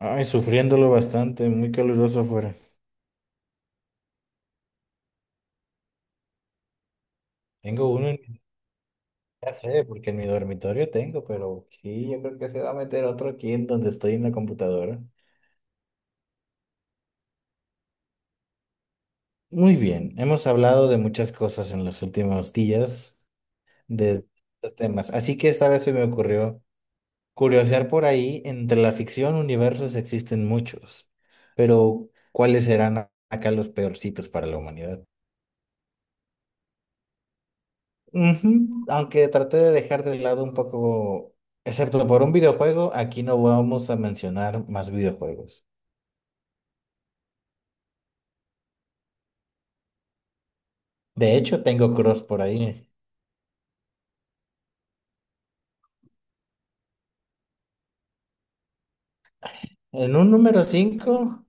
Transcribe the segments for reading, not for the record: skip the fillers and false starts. Ay, sufriéndolo bastante, muy caluroso afuera. Tengo uno en mi, ya sé, porque en mi dormitorio tengo, pero aquí yo creo que se va a meter otro aquí en donde estoy en la computadora. Muy bien, hemos hablado de muchas cosas en los últimos días, de estos temas, así que esta vez se me ocurrió curiosear por ahí, entre la ficción, universos existen muchos, pero ¿cuáles serán acá los peorcitos para la humanidad? Ujú, aunque traté de dejar de lado un poco, excepto por un videojuego, aquí no vamos a mencionar más videojuegos. De hecho, tengo Cross por ahí. En un número 5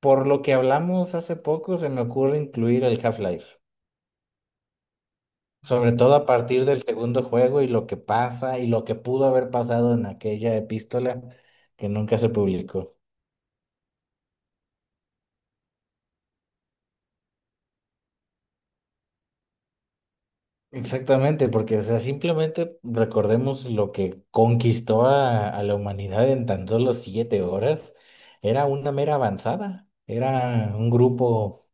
por lo que hablamos hace poco, se me ocurre incluir el Half-Life. Sobre todo a partir del segundo juego y lo que pasa y lo que pudo haber pasado en aquella epístola que nunca se publicó. Exactamente, porque, o sea, simplemente recordemos lo que conquistó a la humanidad en tan solo siete horas. Era una mera avanzada, era un grupo,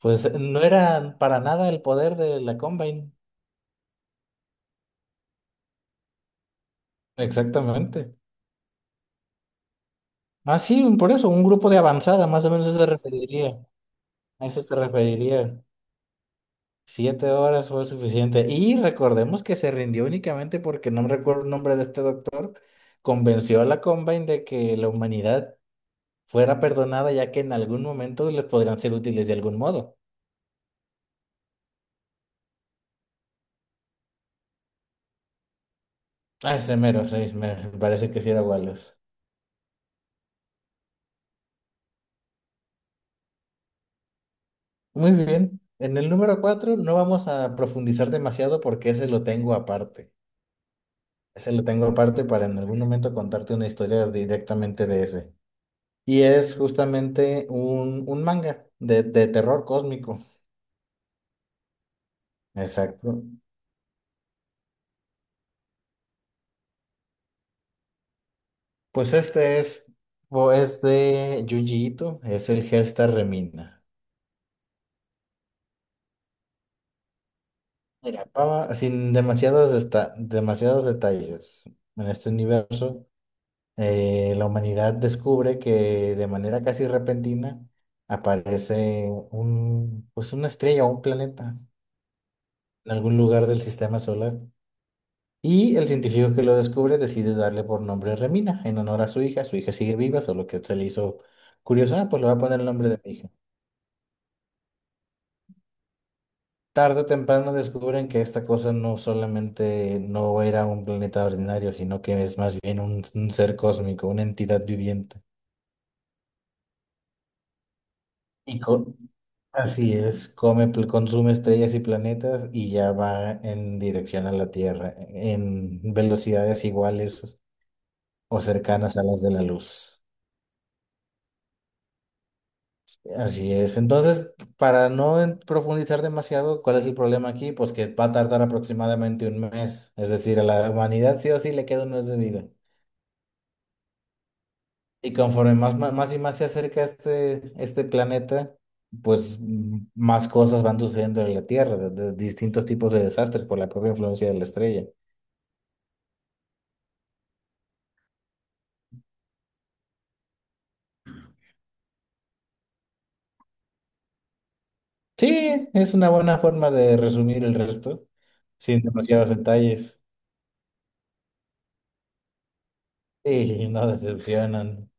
pues no era para nada el poder de la Combine. Exactamente. Ah, sí, por eso, un grupo de avanzada, más o menos eso se referiría. A eso se referiría. Siete horas fue suficiente. Y recordemos que se rindió únicamente porque no recuerdo el nombre de este doctor convenció a la Combine de que la humanidad fuera perdonada ya que en algún momento les podrían ser útiles de algún modo. Ah, ese mero, sí, me parece que sí era Wallace. Muy bien. En el número 4 no vamos a profundizar demasiado porque ese lo tengo aparte. Ese lo tengo aparte para en algún momento contarte una historia directamente de ese. Y es justamente un manga de terror cósmico. Exacto. Pues este es, o es de Junji Ito, es el Gesta Remina. Mira, Pava, sin demasiados, demasiados detalles, en este universo, la humanidad descubre que de manera casi repentina aparece un, pues una estrella o un planeta en algún lugar del sistema solar. Y el científico que lo descubre decide darle por nombre Remina, en honor a su hija. Su hija sigue viva, solo que se le hizo curioso, ah, pues le voy a poner el nombre de mi hija. Tarde o temprano descubren que esta cosa no solamente no era un planeta ordinario, sino que es más bien un ser cósmico, una entidad viviente. Y co- Así es, come, consume estrellas y planetas y ya va en dirección a la Tierra, en velocidades iguales o cercanas a las de la luz. Así es. Entonces, para no profundizar demasiado, ¿cuál es el problema aquí? Pues que va a tardar aproximadamente un mes. Es decir, a la humanidad sí o sí le queda un mes de vida. Y conforme más, más, más y más se acerca este planeta, pues más cosas van sucediendo en la Tierra, de distintos tipos de desastres por la propia influencia de la estrella. Sí, es una buena forma de resumir el resto, sin demasiados detalles. Sí, no decepcionan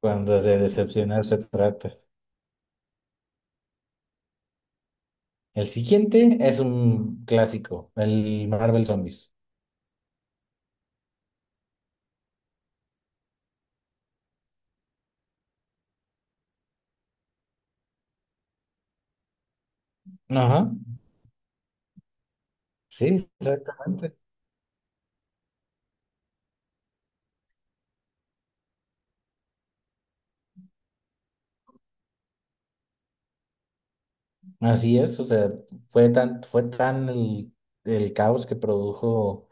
cuando de decepcionar se trata. El siguiente es un clásico, el Marvel Zombies. Ajá, sí, exactamente. Así es, o sea, fue tan el caos que produjo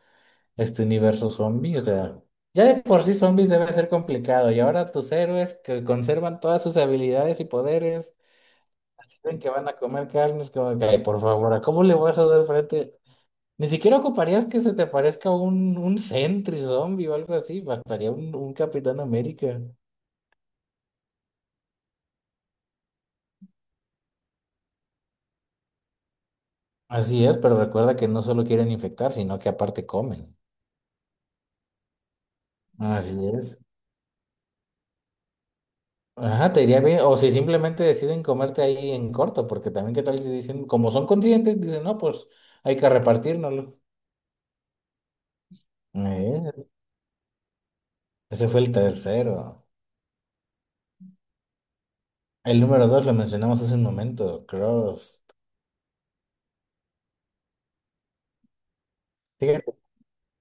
este universo zombie, o sea, ya de por sí zombies debe ser complicado, y ahora tus héroes que conservan todas sus habilidades y poderes, dicen que van a comer carnes, como que, ay, por favor, ¿a cómo le vas a dar frente? Ni siquiera ocuparías que se te parezca un sentry zombie o algo así, bastaría un Capitán América. Así es, pero recuerda que no solo quieren infectar, sino que aparte comen. Así es. Ajá, te iría bien. O si simplemente deciden comerte ahí en corto, porque también qué tal si dicen, como son conscientes, dicen, no, pues hay que repartírnoslo. Eh, Ese fue el tercero. El número dos lo mencionamos hace un momento, Cross. Fíjate,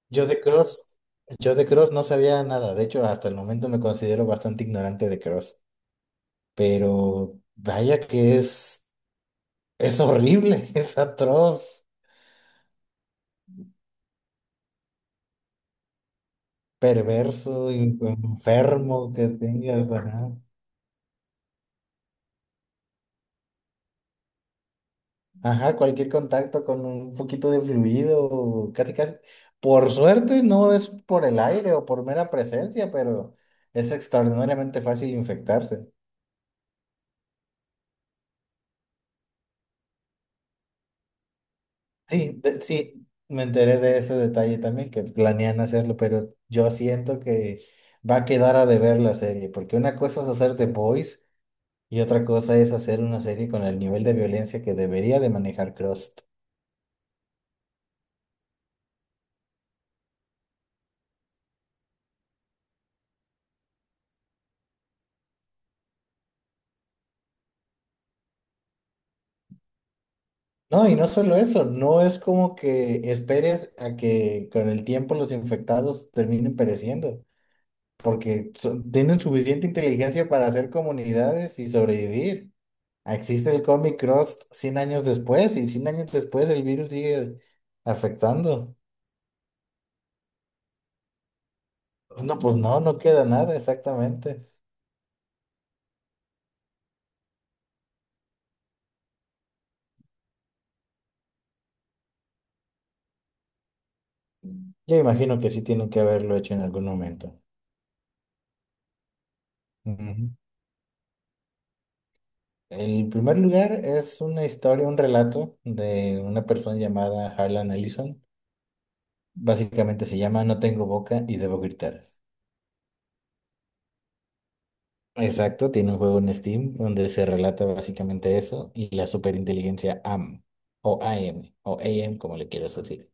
yo de Cross, yo de Cross no sabía nada. De hecho, hasta el momento me considero bastante ignorante de Cross. Pero vaya que es horrible, es atroz, perverso, enfermo que tengas, ajá. Ajá, cualquier contacto con un poquito de fluido, casi casi. Por suerte no es por el aire o por mera presencia, pero es extraordinariamente fácil infectarse. Sí, sí, me enteré de ese detalle también, que planean hacerlo, pero yo siento que va a quedar a deber la serie, porque una cosa es hacer The Boys y otra cosa es hacer una serie con el nivel de violencia que debería de manejar Crust. No, y no solo eso, no es como que esperes a que con el tiempo los infectados terminen pereciendo, porque tienen suficiente inteligencia para hacer comunidades y sobrevivir. Existe el Comic Cross 100 años después y 100 años después el virus sigue afectando. No, pues no, no queda nada exactamente. Yo imagino que sí tienen que haberlo hecho en algún momento. Ujú. El primer lugar es una historia, un relato de una persona llamada Harlan Ellison. Básicamente se llama No tengo boca y debo gritar. Exacto, tiene un juego en Steam donde se relata básicamente eso y la superinteligencia AM o AM o AM, como le quieras decir.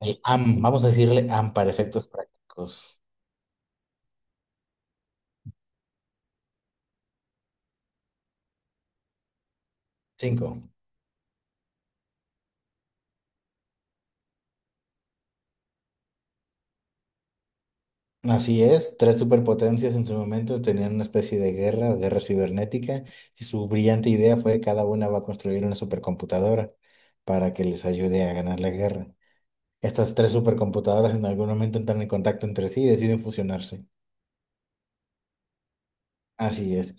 El AM, vamos a decirle AM para efectos prácticos. Cinco. Así es, tres superpotencias en su momento tenían una especie de guerra o guerra cibernética y su brillante idea fue que cada una va a construir una supercomputadora para que les ayude a ganar la guerra. Estas tres supercomputadoras en algún momento entran en contacto entre sí y deciden fusionarse. Así es.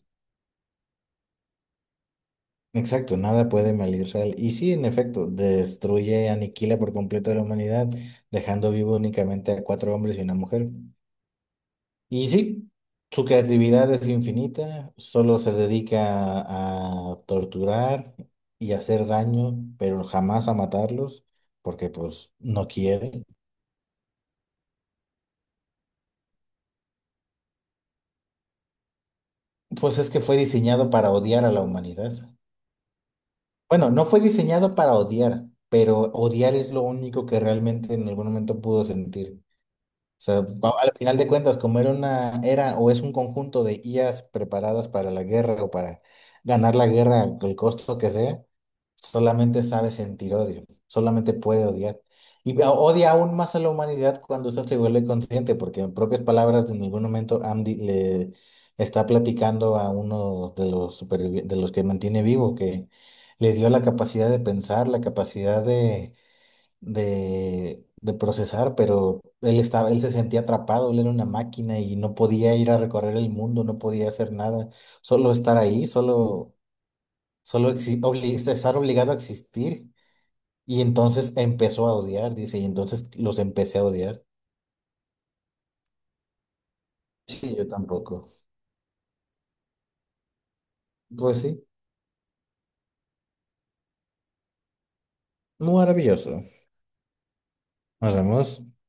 Exacto, nada puede mal Israel. Y sí, en efecto, destruye, aniquila por completo a la humanidad, dejando vivo únicamente a cuatro hombres y una mujer. Y sí, su creatividad es infinita, solo se dedica a torturar y hacer daño, pero jamás a matarlos, porque pues no quiere. Pues es que fue diseñado para odiar a la humanidad. Bueno, no fue diseñado para odiar, pero odiar es lo único que realmente en algún momento pudo sentir sea, pues, al final de cuentas, como era o es un conjunto de IAs preparadas para la guerra o para ganar la guerra, el costo que sea, solamente sabe sentir odio, solamente puede odiar. Y odia aún más a la humanidad cuando esta se vuelve consciente, porque en propias palabras, en algún momento Andy le está platicando a uno de los de los que mantiene vivo, que le dio la capacidad de pensar, la capacidad de procesar, pero él se sentía atrapado, él era una máquina y no podía ir a recorrer el mundo, no podía hacer nada, solo estar ahí, solo estar obligado a existir. Y entonces empezó a odiar, dice, y entonces los empecé a odiar. Sí, yo tampoco. Pues sí, maravilloso. Nos vemos.